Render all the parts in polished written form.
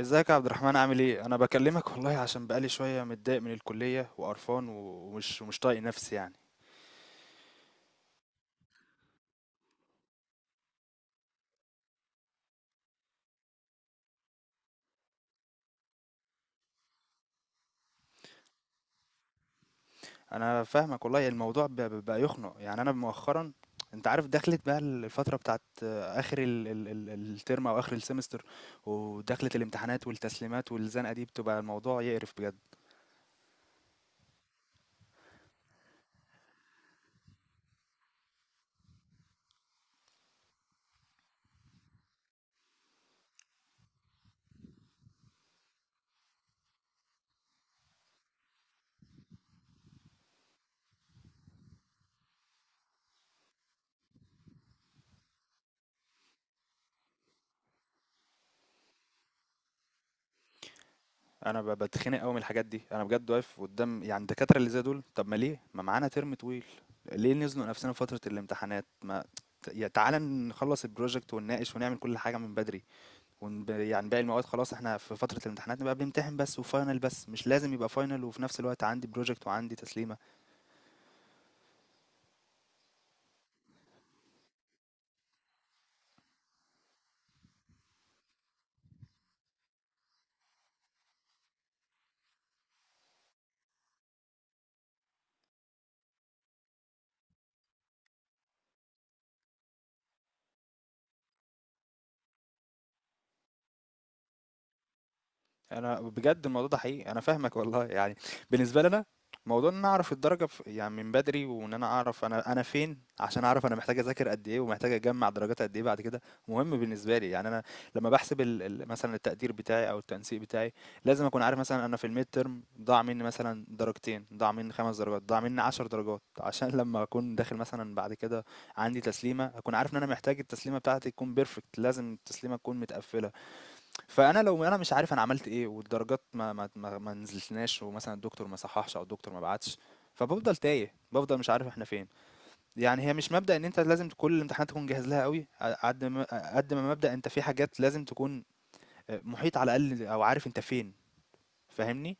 ازيك يا عبد الرحمن، عامل ايه؟ انا بكلمك والله عشان بقالي شويه متضايق من الكليه وقرفان ومش طايق نفسي يعني. انا فاهمك والله، الموضوع بقى يخنق يعني. انا مؤخرا انت عارف دخلت بقى الفتره بتاعت اخر ال ال ال الترم او اخر السمستر. ودخلت الامتحانات والتسليمات والزنقه دي، بتبقى الموضوع يقرف بجد. أنا باتخنق أوي من الحاجات دي، أنا بجد واقف قدّام يعني الدكاترة اللي زي دول. طب ما ليه؟ ما معانا ترم طويل، ليه نزنق نفسنا في فترة الامتحانات؟ ما يا تعالَ نخلّص الproject ونناقش ونعمل كل حاجة من بدري، يعني باقي المواد خلاص إحنا في فترة الامتحانات نبقى بنمتحن بس وfinal بس، مش لازم يبقى final وفي نفس الوقت عندي project وعندي تسليمة. أنا بجد الموضوع ده حقيقي، أنا فاهمك والله يعني. بالنسبة لي أنا موضوع إن أنا أعرف الدرجة يعني من بدري، وإن أنا أعرف أنا فين عشان أعرف أنا محتاج أذاكر قد إيه ومحتاج أجمّع درجات قد إيه بعد كده، مهم بالنسبة لي. يعني أنا لمّا باحسب ال ال مثلًا التقدير بتاعي أو التنسيق بتاعي، لازم أكون عارف مثلًا أنا في الmidterm ضاع منّي مثلًا درجتين، ضاع منّي 5 درجات، ضاع منّي 10 درجات، عشان لمّا أكون داخل مثلًا بعد كده عندي تسليمة، أكون عارف إن أنا محتاج التسليمة بتاعتي تكون perfect، لازم التسليمة تكون متقفّلة. فأنا لو أنا مش عارف أنا عملت إيه، والدرجات ما نزلتناش، ومثلا الدكتور ما صححش أو الدكتور ما بعتش، فبفضل تايه، بفضل مش عارف احنا فين. يعني هي مش مبدأ ان انت لازم كل الامتحانات تكون جاهز لها قوي قد ما، مبدأ انت في حاجات لازم تكون آه، محيط على الاقل او عارف انت فين. فاهمني؟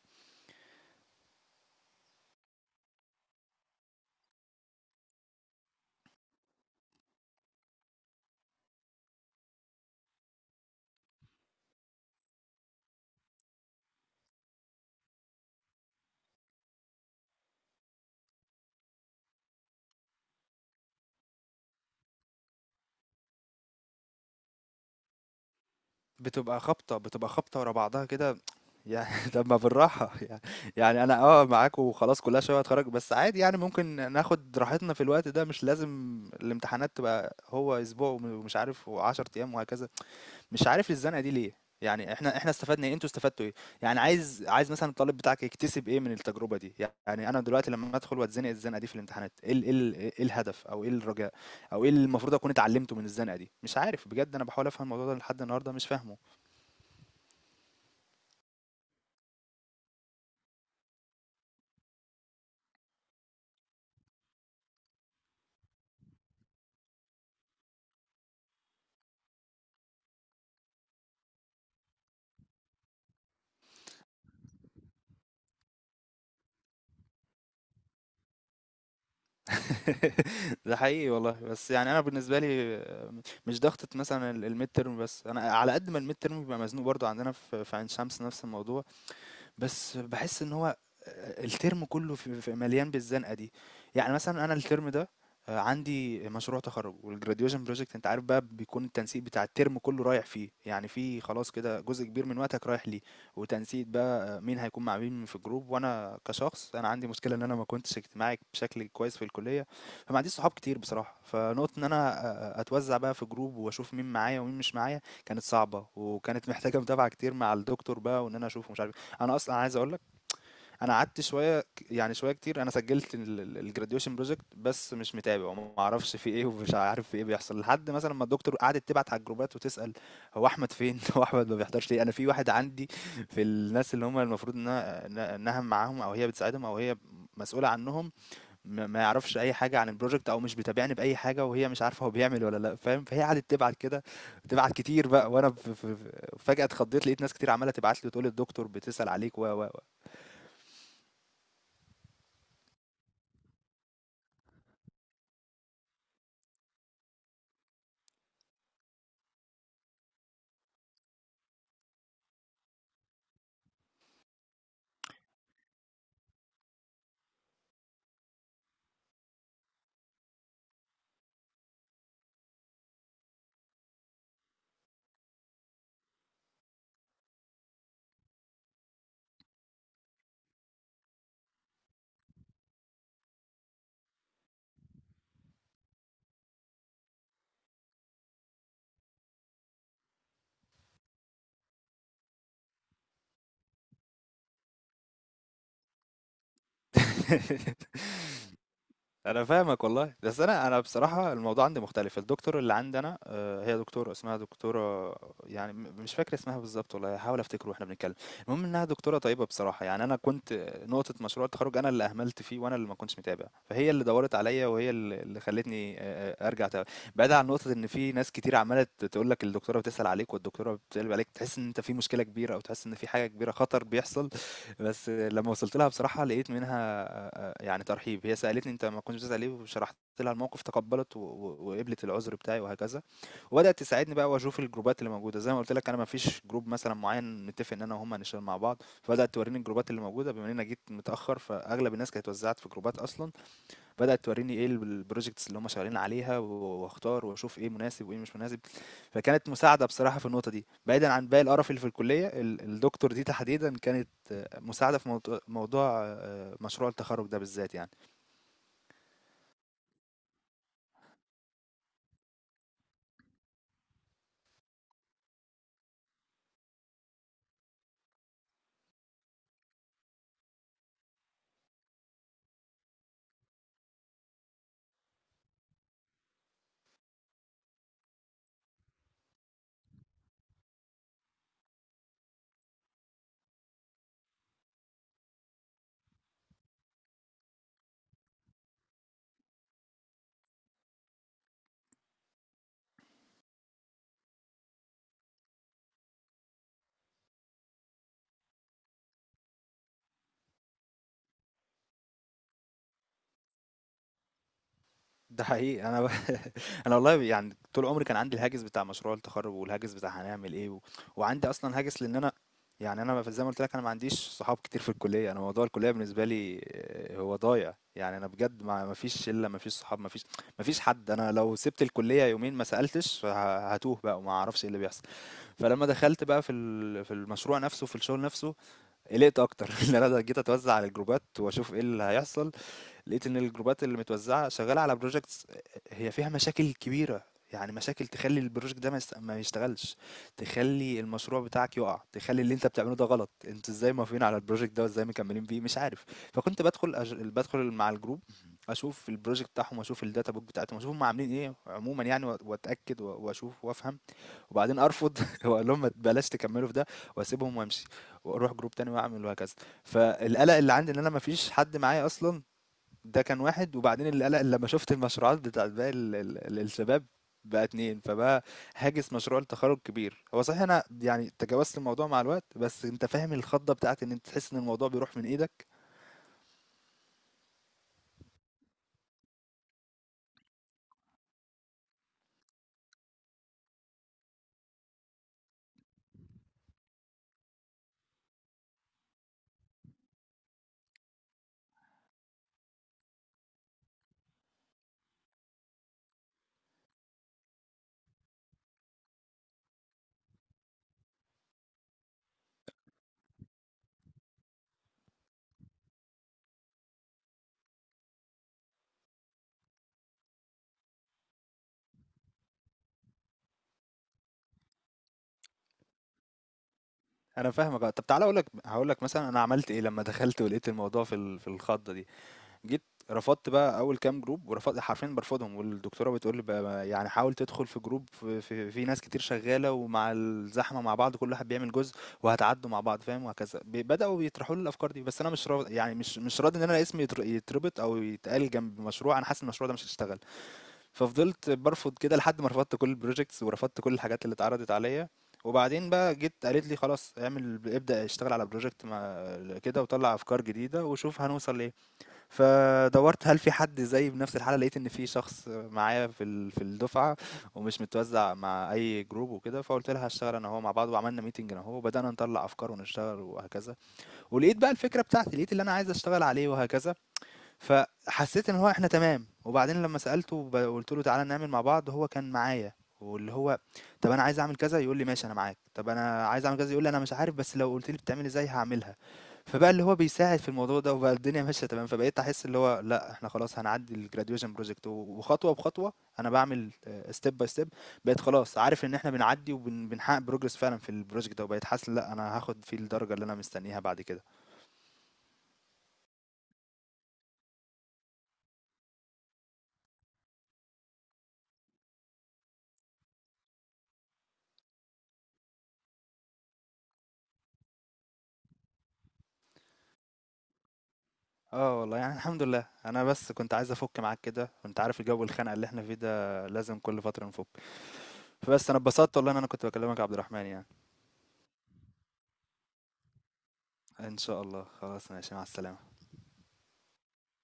بتبقى خبطة، بتبقى خبطة ورا بعضها كده يعني. طب ما بالراحة يعني. يعني أنا آه معاك وخلاص، كلها شوية وهاتخرّج، بس عادي يعني ممكن ناخد راحتنا في الوقت ده، مش لازم الامتحانات تبقى هو أسبوع ومش عارف و10 أيام وهكذا. مش عارف الزنقة دي ليه؟ يعني إحنا استفدنا إيه، أنتم استفدتوا إيه؟ يعني عايز مثلًا الطالب بتاعك يكتسب إيه من التجربة دي؟ يعني أنا دلوقتي لمّا أدخل وأتزنق الزنقة دي في الامتحانات، إيه ال إيه ال إيه الهدف أو إيه الرجاء أو إيه اللي المفروض أكون اتعلمته من الزنقة دي؟ مش عارف بجد، أنا باحاول أفهم الموضوع ده لحد النهارده مش فاهمه. ده حقيقي والله، بس يعني انا بالنسبه لي آه، مش ضغطه مثلا الميد ترم بس، انا على قد ما الميد ترم بيبقى مزنوق برضو عندنا في عين شمس نفس الموضوع. بس باحس إن هو الترم كله ف ف مليان بالزنقة دي. يعني مثلًا أنا الترم ده عندي مشروع تخرُّج والgraduation project، أنت عارف بقى بيكون التنسيق بتاع الترم كله رايح فيه، يعني في خلاص كده جزء كبير من وقتك رايح ليه. وتنسيق بقى آه، مين هيكون مع مين في الجروب، وأنا كشخص أنا عندي مشكلة إن أنا ما كنتش اجتماعي بشكل كويس في الكلية، فما عنديش صحاب كتير بصراحة. فنقطة إن أنا أتوزّع بقى في جروب وأشوف مين معايا ومين مش معايا كانت صعبة، وكانت محتاجة متابعة كتير مع الدكتور بقى وإن أنا أشوفه ومش عارف إيه. انا اصلا عايز اقول لك، انا قعدت شويه، يعني شويه كتير. انا سجلت الجراديويشن بروجكت بس مش متابع وما اعرفش في ايه، ومش عارف في ايه بيحصل، لحد مثلا ما الدكتور قعدت تبعت على الجروبات وتسال هو احمد فين. هو احمد ما بيحضرش ليه؟ انا في واحد عندي في الناس اللي هم المفروض انها معاهم او هي بتساعدهم او هي مسؤوله عنهم، ما يعرفش اي حاجه عن البروجكت او مش بيتابعني باي حاجه، وهي مش عارفه هو بيعمل ولا لا، فاهم؟ فهي قعدت تبعت كده، تبعت كتير بقى وانا فجاه اتخضيت، لقيت ناس كتير عماله تبعت لي وتقول الدكتور بتسال عليك و أنا فاهمك والله، بس أنا بصراحة الموضوع عندي مختلف. الدكتور اللي عندي أنا هي دكتورة اسمها دكتورة، يعني مش فاكر اسمها بالضبط والله، هاحاول أفتكره واحنا بنتكلم. المهم إنها دكتورة طيبة بصراحة. يعني أنا كنت نقطة مشروع التخرُّج، أنا اللي أهملت فيه وأنا اللي ما كنتش متابع، فهي اللي دَوَّرت عليَّ، وهي اللي خلّتني أرجع بعيدًا عن نقطة إن في ناس كتير عمّالة تقول لك الدكتورة بتسأل عليك والدكتورة بتقلِّب عليك، تحس إن أنت في مشكلة كبيرة أو تحس إن في حاجة كبيرة خطر بيحصل. بس لمّا وصلت لها بصراحة، لقيت منها يعني ترحيب. هي سألتني أنت ما كنتش بتسأل ليه، وشرحت لها الموقف، تقبّلت و و وقبلت العذر بتاعي وهكذا. وبدأت تساعدني بقى وأشوف الجروبات اللي موجودة. زي ما قُلت لك، أنا ما فيش جروب مثلًا معيّن متّفق إن أنا وهُم هنشتغل مع بعض، فبدأت تورّيني الجروبات اللي موجودة، بما إن أنا جيت متأخّر فأغلب الناس كانت اتوزّعت في جروبات أصلًا. بدأت تورّيني إيه الprojects اللي هُم شغالين عليها واختار واشوف إيه مناسب وإيه مش مناسب. فكانت مساعدة بصراحة في النقطة دي، بعيدا عن باقي القرف اللي في الكلية. الدكتور دي تحديدا كانت آه، مساعدة في موضوع، آه، مشروع التخرج ده بالذات يعني. ده حقيقي انا. انا والله يعني طول عمري كان عندي الهاجس بتاع مشروع التخرج، والهاجس بتاع هنعمل ايه و… وعندي اصلا هاجس، لان انا يعني انا زي ما قلت لك، انا ما عنديش صحاب كتير في الكليه، انا موضوع الكليه بالنسبه لي آه، هو ضايع. يعني انا بجد ما فيش شله، ما فيش صحاب، ما فيش، ما فيش حد. انا لو سبت الكليه يومين ما سالتش، هتوه بقى وما اعرفش ايه اللي بيحصل. فلما دخلت بقى في في المشروع نفسه في الشغل نفسه، قلقت اكتر. ان انا جيت اتوزع على الجروبات واشوف ايه اللي هيحصل، لقيت ان الجروبات اللي متوزعه شغاله على بروجكتس، هي فيها مشاكل كبيره. يعني مشاكل تخلي البروجكت ده ما يشتغلش، تخلي المشروع بتاعك يقع، تخلي اللي انت بتعمله ده غلط. انتوا ازاي موافقين على البروجكت ده وازاي مكملين بيه؟ مش عارف. فكنت بدخل بدخل مع الجروب، اشوف البروجكت بتاعهم واشوف الداتا بوك بتاعتهم واشوف هم عاملين ايه عموما يعني واتاكد واشوف وافهم، وبعدين ارفض. واقول لهم ما بلاش تكملوا في ده، واسيبهم وامشي، واروح جروب تاني واعمل وهكذا. فالقلق اللي عندي ان انا ما فيش حد معايا اصلا، ده كان واحد. وبعدين القلق اللي لما شفت المشروعات بتاعت باقي الشباب، بقى اتنين. فبقى هاجس مشروع التخرج كبير. هو صحيح انا يعني تجاوزت الموضوع مع الوقت، بس انت فاهم الخضه بتاعت ان انت تحس ان الموضوع بيروح من ايدك. انا فاهمك آه. طب تعالى اقول لك، هقول لك مثلا انا عملت ايه لما دخلت ولقيت الموضوع في في الخضه دي. جيت رفضت بقى أول كام جروب، ورفضت حرفيًا بارفضهم، والدكتورة بتقول لي: "ب ب يعني حاول تدخل في جروب ف ف في ناس كتير شغالة ومع الزحمة مع بعض كل واحد بيعمل جزء وهتعدّوا مع بعض." فاهم؟ وهكذا. بدأوا يطرحوا لي الأفكار دي، بس أنا مش راض يعني مش راضي إن أنا اسمي يتربط أو يتقال جنب مشروع أنا حاسس إن المشروع ده مش هيشتغل. ففضلت بارفض كده لحد ما رفضت كل الprojects ورفضت كل الحاجات اللي اتعرضت عليَّ. وبعدين بقى جيت قالت لي: "خلاص ابدأ اشتغل على project ما كده، وطلّع أفكار جديدة وشوف هنوصل لإيه." فدورت هل في حد زيي بنفس الحالة، لقيت ان في شخص معايا في في الدفعة، ومش متوزع مع اي جروب وكده. فقلت لها هشتغل انا وهو مع بعض، وعملنا ميتنج انا وهو وبدأنا نطلع افكار ونشتغل وهكذا. ولقيت بقى الفكرة بتاعتي، لقيت اللي انا عايز اشتغل عليه وهكذا. فحسيت ان هو احنا تمام. وبعدين لما سألته وقلت له تعالى نعمل مع بعض هو كان معايا، واللي هو طب انا عايز اعمل كذا يقول لي ماشي انا معاك، طب انا عايز اعمل كذا يقول لي انا مش عارف بس لو قلت لي بتعمل ازاي هعملها. فبقى اللي هو بيساعد في الموضوع ده، وبقى الدنيا ماشيه تمام. فبقيت احس اللي هو لا احنا خلاص هنعدي الجراديويشن بروجكت، وخطوه بخطوه انا بعمل، ستيب باي ستيب. بقيت خلاص عارف ان احنا بنعدي وبنحقق بروجرس فعلا في البروجكت ده، وبقيت حاسس لا انا هاخد فيه الدرجه اللي انا مستنيها بعد كده. آه والله يعني الحمد لله. أنا بس كنت عايز أفُك معاك كده، وأنت عارف الجو الخانقة اللي إحنا فيه ده لازم كل فترة نفُك. فبس أنا اتبسطت والله إن أنا كنت باكلمك يا عبد الرحمن يعني. إن شاء الله، خلاص، ماشي، مع السلامة.